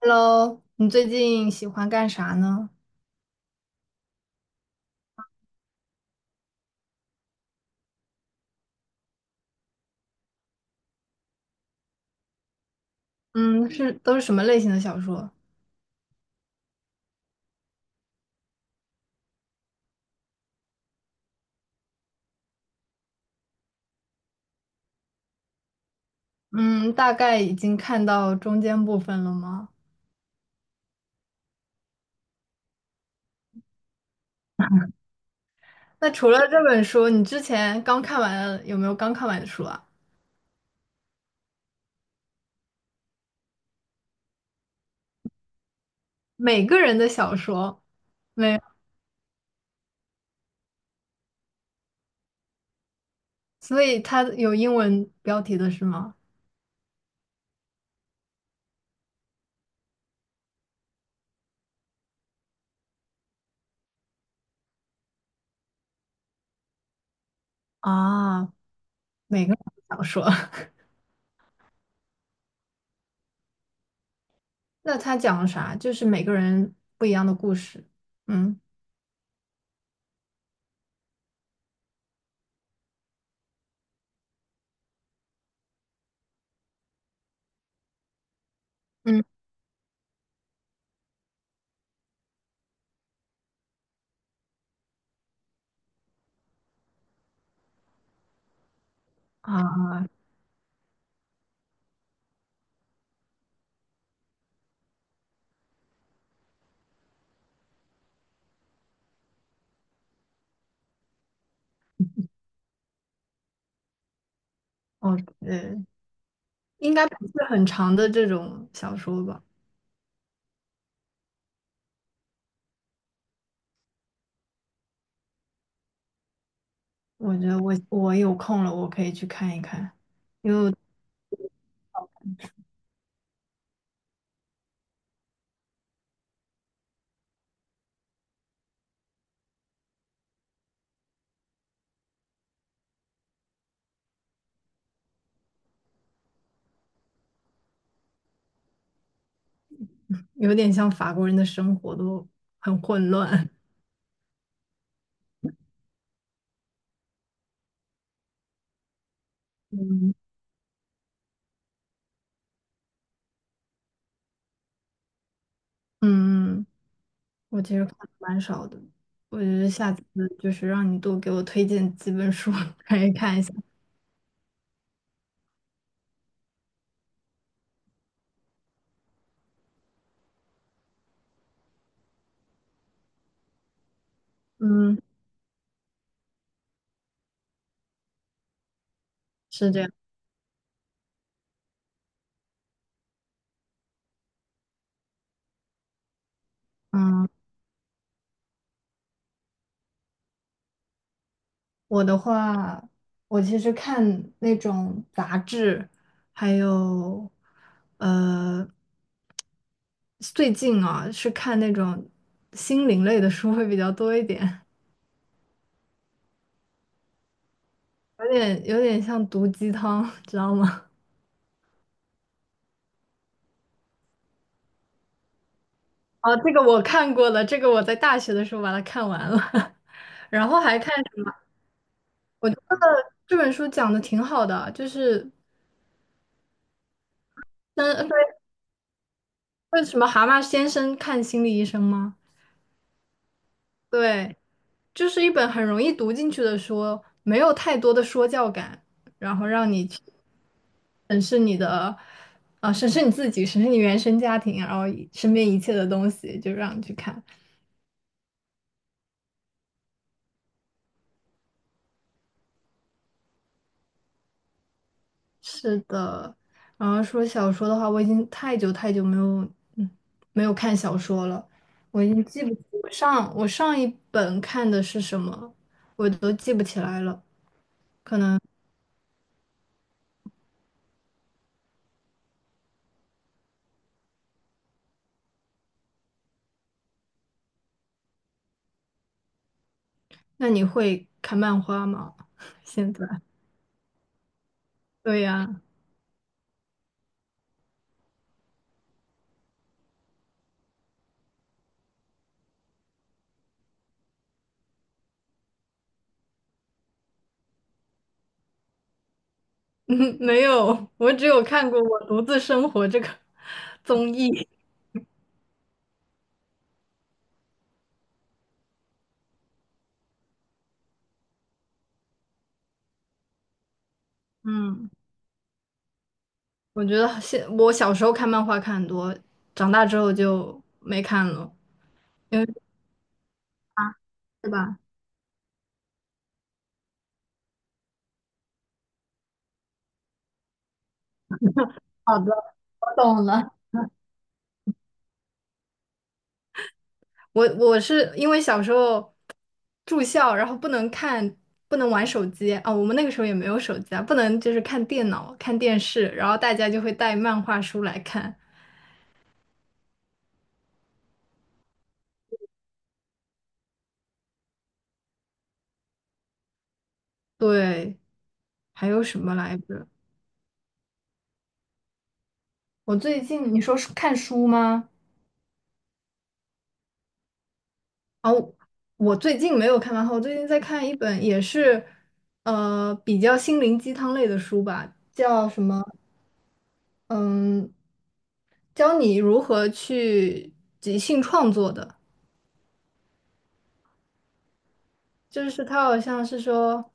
Hello，你最近喜欢干啥呢？嗯，是都是什么类型的小说？嗯，大概已经看到中间部分了吗？那除了这本书，你之前刚看完的有没有刚看完的书啊？每个人的小说。没有，所以它有英文标题的是吗？啊，每个人的小说，那它讲了啥？就是每个人不一样的故事。嗯。嗯啊，哦，应该不是很长的这种小说吧？我觉得我有空了，我可以去看一看，因为我有点像法国人的生活都很混乱。嗯。嗯，我其实看的蛮少的，我觉得下次就是让你多给我推荐几本书 可以看一下。嗯，是这样。嗯，我的话，我其实看那种杂志，还有呃，最近啊是看那种心灵类的书会比较多一点。有点像毒鸡汤，知道吗？啊，这个我看过了，这个我在大学的时候把它看完了，然后还看什么？我觉得这本书讲的挺好的，就是嗯，对，为什么蛤蟆先生看心理医生吗？对，就是一本很容易读进去的书，没有太多的说教感，然后让你去审视你的，啊、审视你自己，审视你原生家庭，然后一身边一切的东西，就让你去看。是的，然后说小说的话，我已经太久太久没有，嗯，没有看小说了，我已经记不，我上一本看的是什么，我都记不起来了。那你会看漫画吗？现在？对呀，嗯，没有，我只有看过《我独自生活》这个 综艺。嗯，我觉得现我小时候看漫画看很多，长大之后就没看了，因为啊是吧？好的，我懂了。我是因为小时候住校，然后不能看，不能玩手机啊。我们那个时候也没有手机啊，不能就是看电脑、看电视，然后大家就会带漫画书来看。对，还有什么来着？我最近你说是看书吗？哦，我最近没有看漫画，我最近在看一本也是比较心灵鸡汤类的书吧，叫什么？嗯，教你如何去即兴创作的。就是他好像是说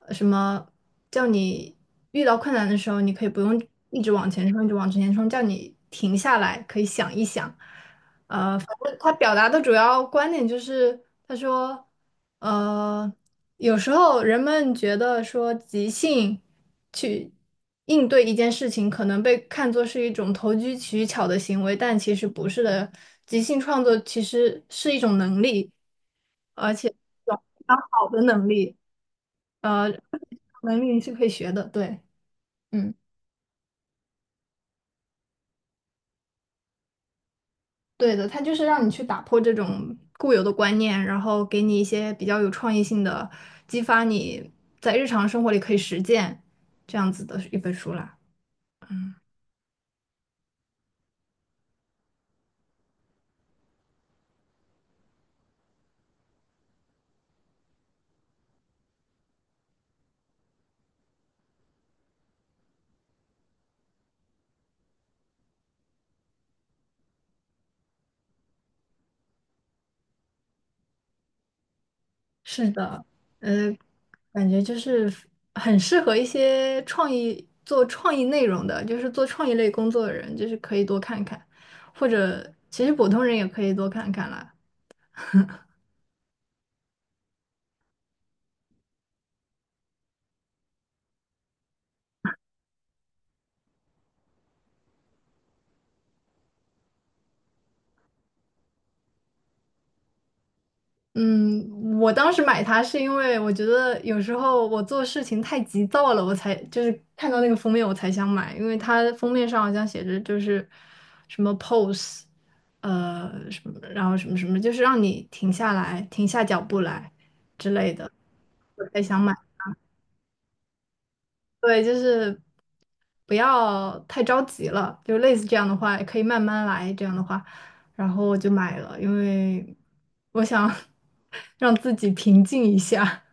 什么叫你遇到困难的时候，你可以不用一直往前冲，一直往前冲，叫你停下来，可以想一想。反正他表达的主要观点就是，他说，呃，有时候人们觉得说即兴去应对一件事情，可能被看作是一种投机取巧的行为，但其实不是的。即兴创作其实是一种能力。而且有非常好的能力，呃，能力你是可以学的，对，嗯，对的，它就是让你去打破这种固有的观念，然后给你一些比较有创意性的，激发你在日常生活里可以实践这样子的一本书啦。是的，呃，感觉就是很适合一些创意做创意内容的，就是做创意类工作的人，就是可以多看看，或者其实普通人也可以多看看啦。嗯，我当时买它是因为我觉得有时候我做事情太急躁了，我才就是看到那个封面我才想买，因为它封面上好像写着就是什么 pose，什么，然后什么什么，就是让你停下来，停下脚步来之类的，我才想买。对，就是不要太着急了，就类似这样的话，也可以慢慢来这样的话，然后我就买了，因为我想 让自己平静一下。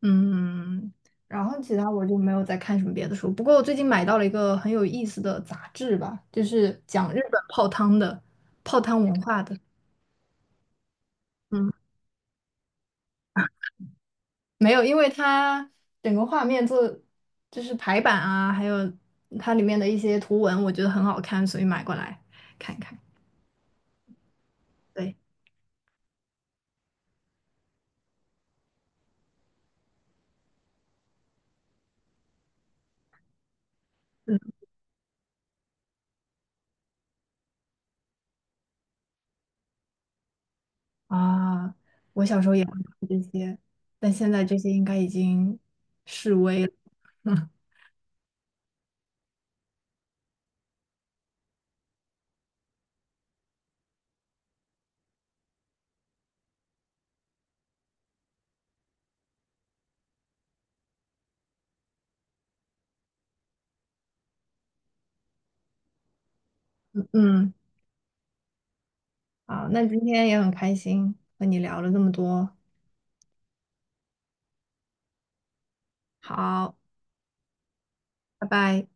嗯，然后其他我就没有再看什么别的书，不过我最近买到了一个很有意思的杂志吧，就是讲日本泡汤的，泡汤文化的。嗯。没有，因为它整个画面做就是排版啊，还有它里面的一些图文，我觉得很好看，所以买过来看一看。对，嗯啊，我小时候也会看这些，但现在这些应该已经式微了。嗯，好，那今天也很开心和你聊了这么多，好，拜拜。